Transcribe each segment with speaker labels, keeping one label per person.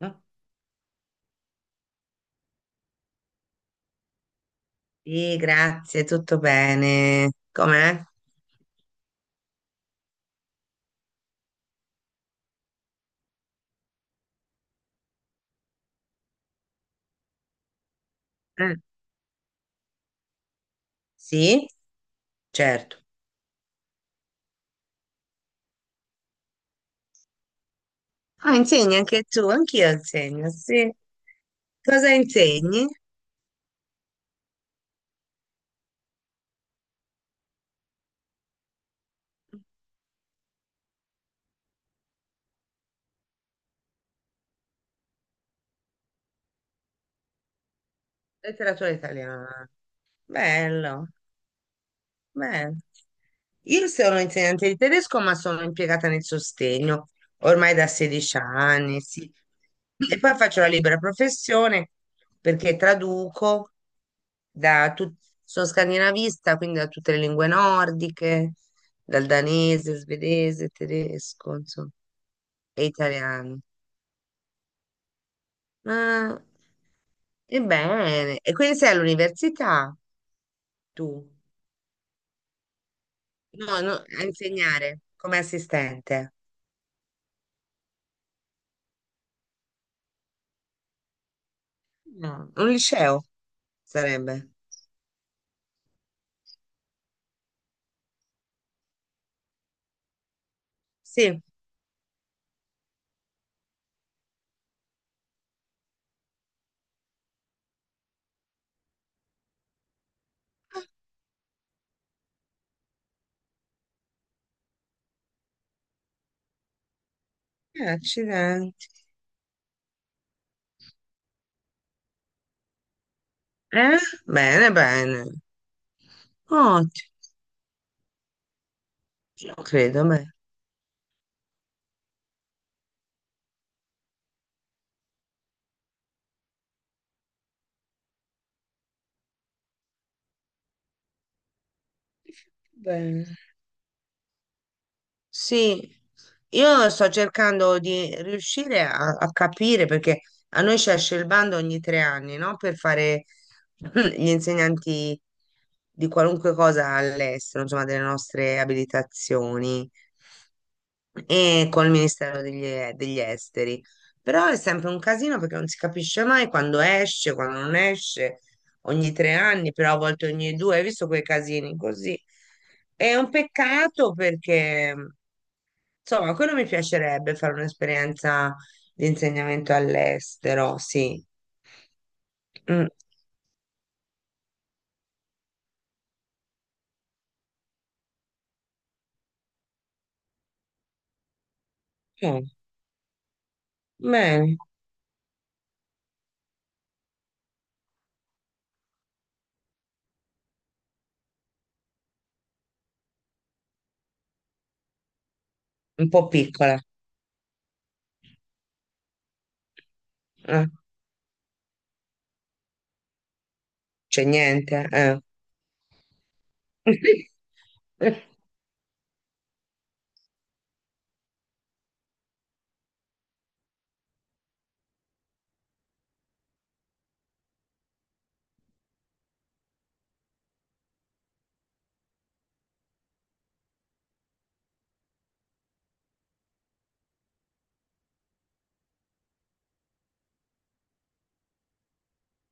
Speaker 1: Oh, sì, grazie, tutto bene. Com'è? Eh, sì, certo. Ah, insegni anche tu, anch'io insegno, sì. Cosa insegni? Letteratura italiana. Bello, bello. Io sono insegnante di tedesco, ma sono impiegata nel sostegno ormai da 16 anni, sì. E poi faccio la libera professione perché traduco da tut- sono scandinavista, quindi da tutte le lingue nordiche, dal danese, svedese, tedesco, insomma, e italiano. Ma ebbene, e quindi sei all'università tu? No, no, a insegnare come assistente. No, un liceo. Sarebbe. Sì, eh, accidenti. Eh? Bene, bene. Ottimo, credo, beh. Bene. Sì, io sto cercando di riuscire a capire perché a noi ci esce il bando ogni tre anni, no? Per fare gli insegnanti di qualunque cosa all'estero, insomma, delle nostre abilitazioni. E col Ministero degli, degli Esteri. Però è sempre un casino perché non si capisce mai quando esce, quando non esce, ogni tre anni, però a volte ogni due, hai visto quei casini così. È un peccato perché, insomma, quello mi piacerebbe fare un'esperienza di insegnamento all'estero, sì. Mm, eh, bene, un po' piccola, eh. C'è niente, eh.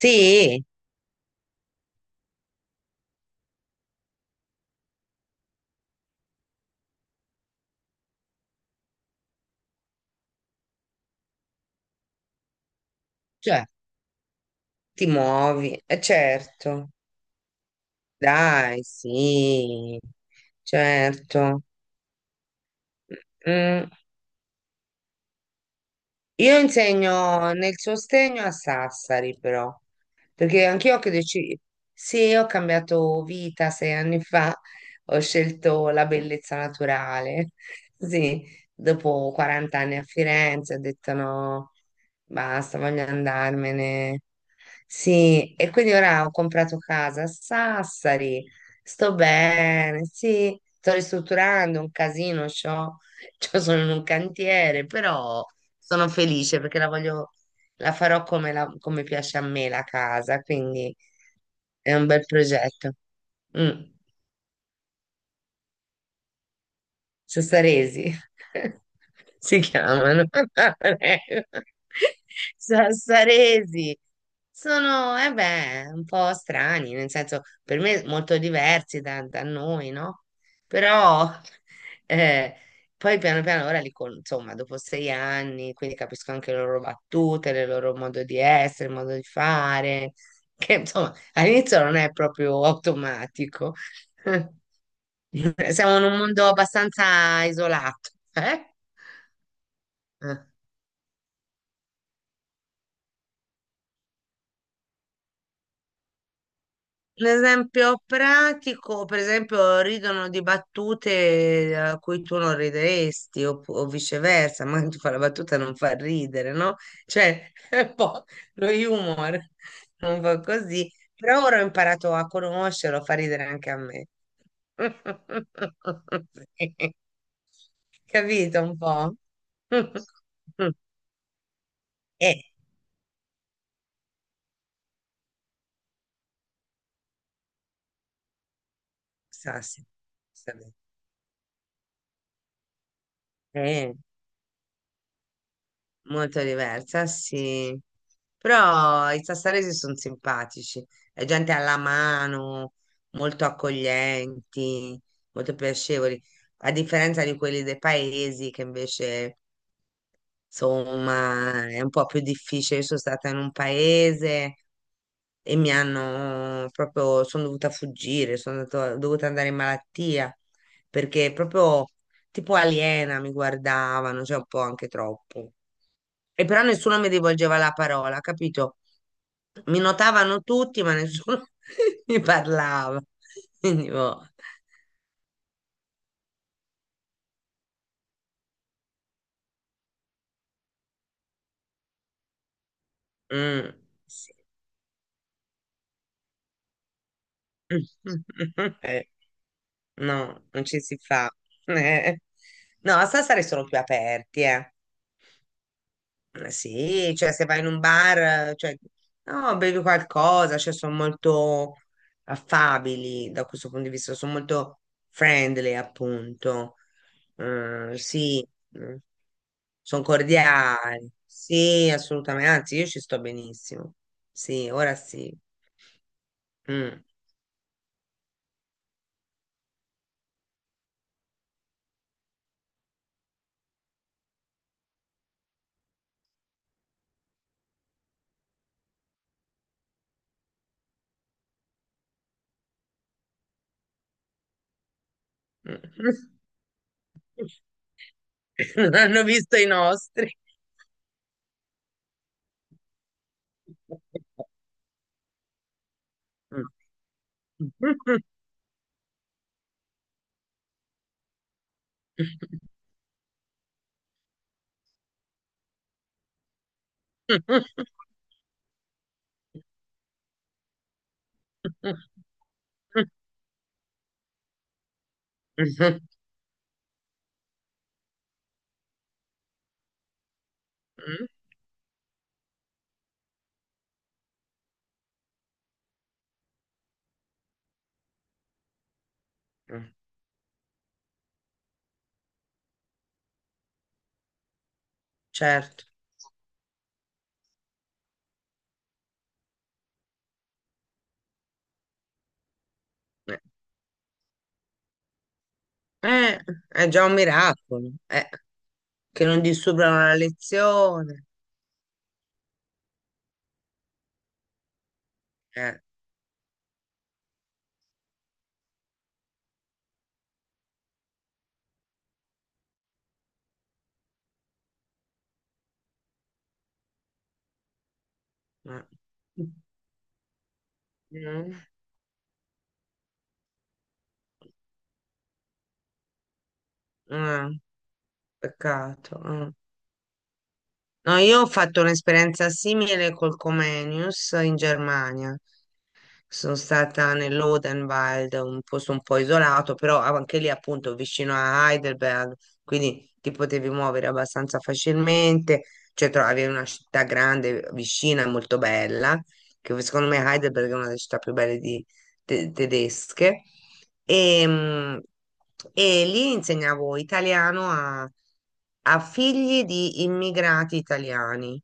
Speaker 1: Sì, cioè, ti muovi, certo, dai, sì, certo. Mm. Io insegno nel sostegno a Sassari, però, perché anch'io che deciso, sì, ho cambiato vita 6 anni fa, ho scelto la bellezza naturale, sì, dopo 40 anni a Firenze ho detto no, basta, voglio andarmene. Sì, e quindi ora ho comprato casa a Sassari, sto bene, sì, sto ristrutturando un casino, c'ho, sono in un cantiere, però sono felice perché la voglio, la farò come, come piace a me la casa, quindi è un bel progetto. Mm. Sassaresi si chiamano. Sassaresi sono, eh beh, un po' strani, nel senso per me molto diversi da noi, no? Però eh, poi piano piano ora insomma, dopo 6 anni, quindi capisco anche le loro battute, il loro modo di essere, il modo di fare, che insomma all'inizio non è proprio automatico. Siamo in un mondo abbastanza isolato, eh? Eh. Un esempio pratico, per esempio, ridono di battute a cui tu non rideresti, o, viceversa, ma ti fa la battuta e non fa ridere, no? Cioè, è un po' lo humor, un po' così. Però ora ho imparato a conoscerlo, fa ridere anche a me. Sì. Capito un po'? Eh, sa, sì. Sa, eh, molto diversa, sì. Però i sassaresi sono simpatici, è gente alla mano, molto accoglienti, molto piacevoli, a differenza di quelli dei paesi che invece, insomma, è un po' più difficile. Io sono stata in un paese e mi hanno proprio, sono dovuta fuggire, dovuta andare in malattia perché proprio tipo aliena mi guardavano, cioè un po' anche troppo. E però nessuno mi rivolgeva la parola, capito? Mi notavano tutti, ma nessuno mi parlava. Quindi, boh. Mm, sì. Eh, no, non ci si fa. Eh. No, stasera sono più aperti, eh. Ma sì, cioè se vai in un bar, cioè, no, bevi qualcosa, cioè sono molto affabili da questo punto di vista, sono molto friendly, appunto. Sì, sono cordiali. Sì, assolutamente, anzi, io ci sto benissimo. Sì, ora sì. Mm. Mm. Non hanno visto i nostri. Mm. Mm, mm, certo, eh, eh, è già un miracolo, che non disturbano la lezione. Eh, eh. Mm, eh, peccato. Eh. No, io ho fatto un'esperienza simile col Comenius in Germania. Sono stata nell'Odenwald, un posto un po' isolato, però anche lì appunto vicino a Heidelberg, quindi ti potevi muovere abbastanza facilmente, cioè trovavi una città grande, vicina e molto bella, che secondo me Heidelberg è una delle città più belle tedesche. E, mm, e lì insegnavo italiano a figli di immigrati italiani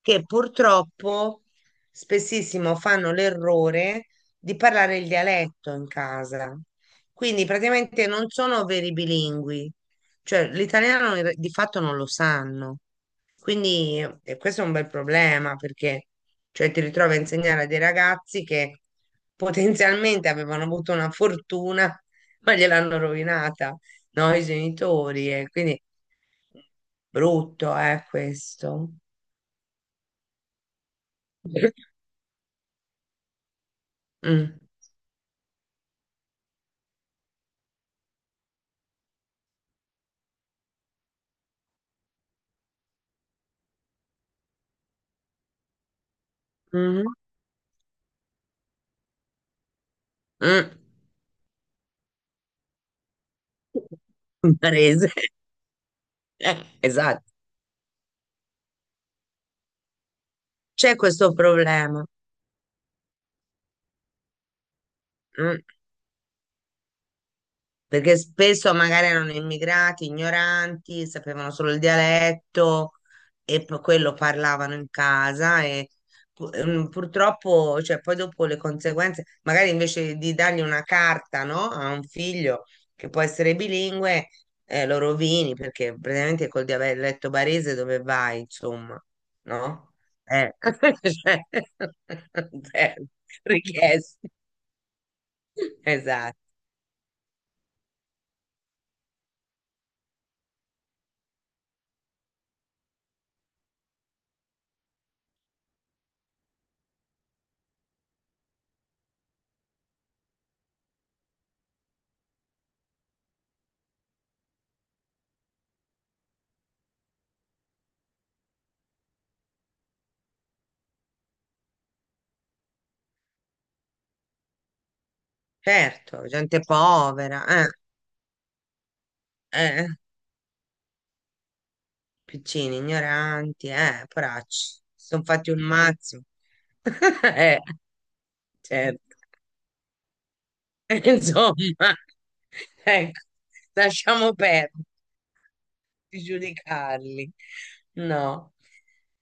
Speaker 1: che purtroppo spessissimo fanno l'errore di parlare il dialetto in casa. Quindi praticamente non sono veri bilingui, cioè l'italiano di fatto non lo sanno. Quindi questo è un bel problema perché cioè, ti ritrovi a insegnare a dei ragazzi che potenzialmente avevano avuto una fortuna, ma gliel'hanno rovinata, no? I genitori. E quindi brutto è questo. Mm. Mhm. Mm. Barese. Esatto, c'è questo problema. Mm. Perché spesso magari erano immigrati, ignoranti, sapevano solo il dialetto e poi quello parlavano in casa e purtroppo, cioè, poi dopo le conseguenze, magari invece di dargli una carta, no, a un figlio che può essere bilingue, lo rovini perché praticamente col dialetto barese dove vai, insomma, no? Eh, cioè, cioè, richieste. Esatto, certo, gente povera, eh. Eh, piccini, ignoranti, poracci. Sono fatti un mazzo. Eh, certo. Insomma, ecco, lasciamo perdere di giudicarli. No,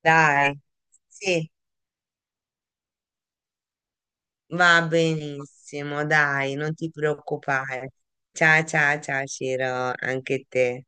Speaker 1: dai, sì, va benissimo, dai, non ti preoccupare. Ciao, ciao, ciao, Ciro, anche te.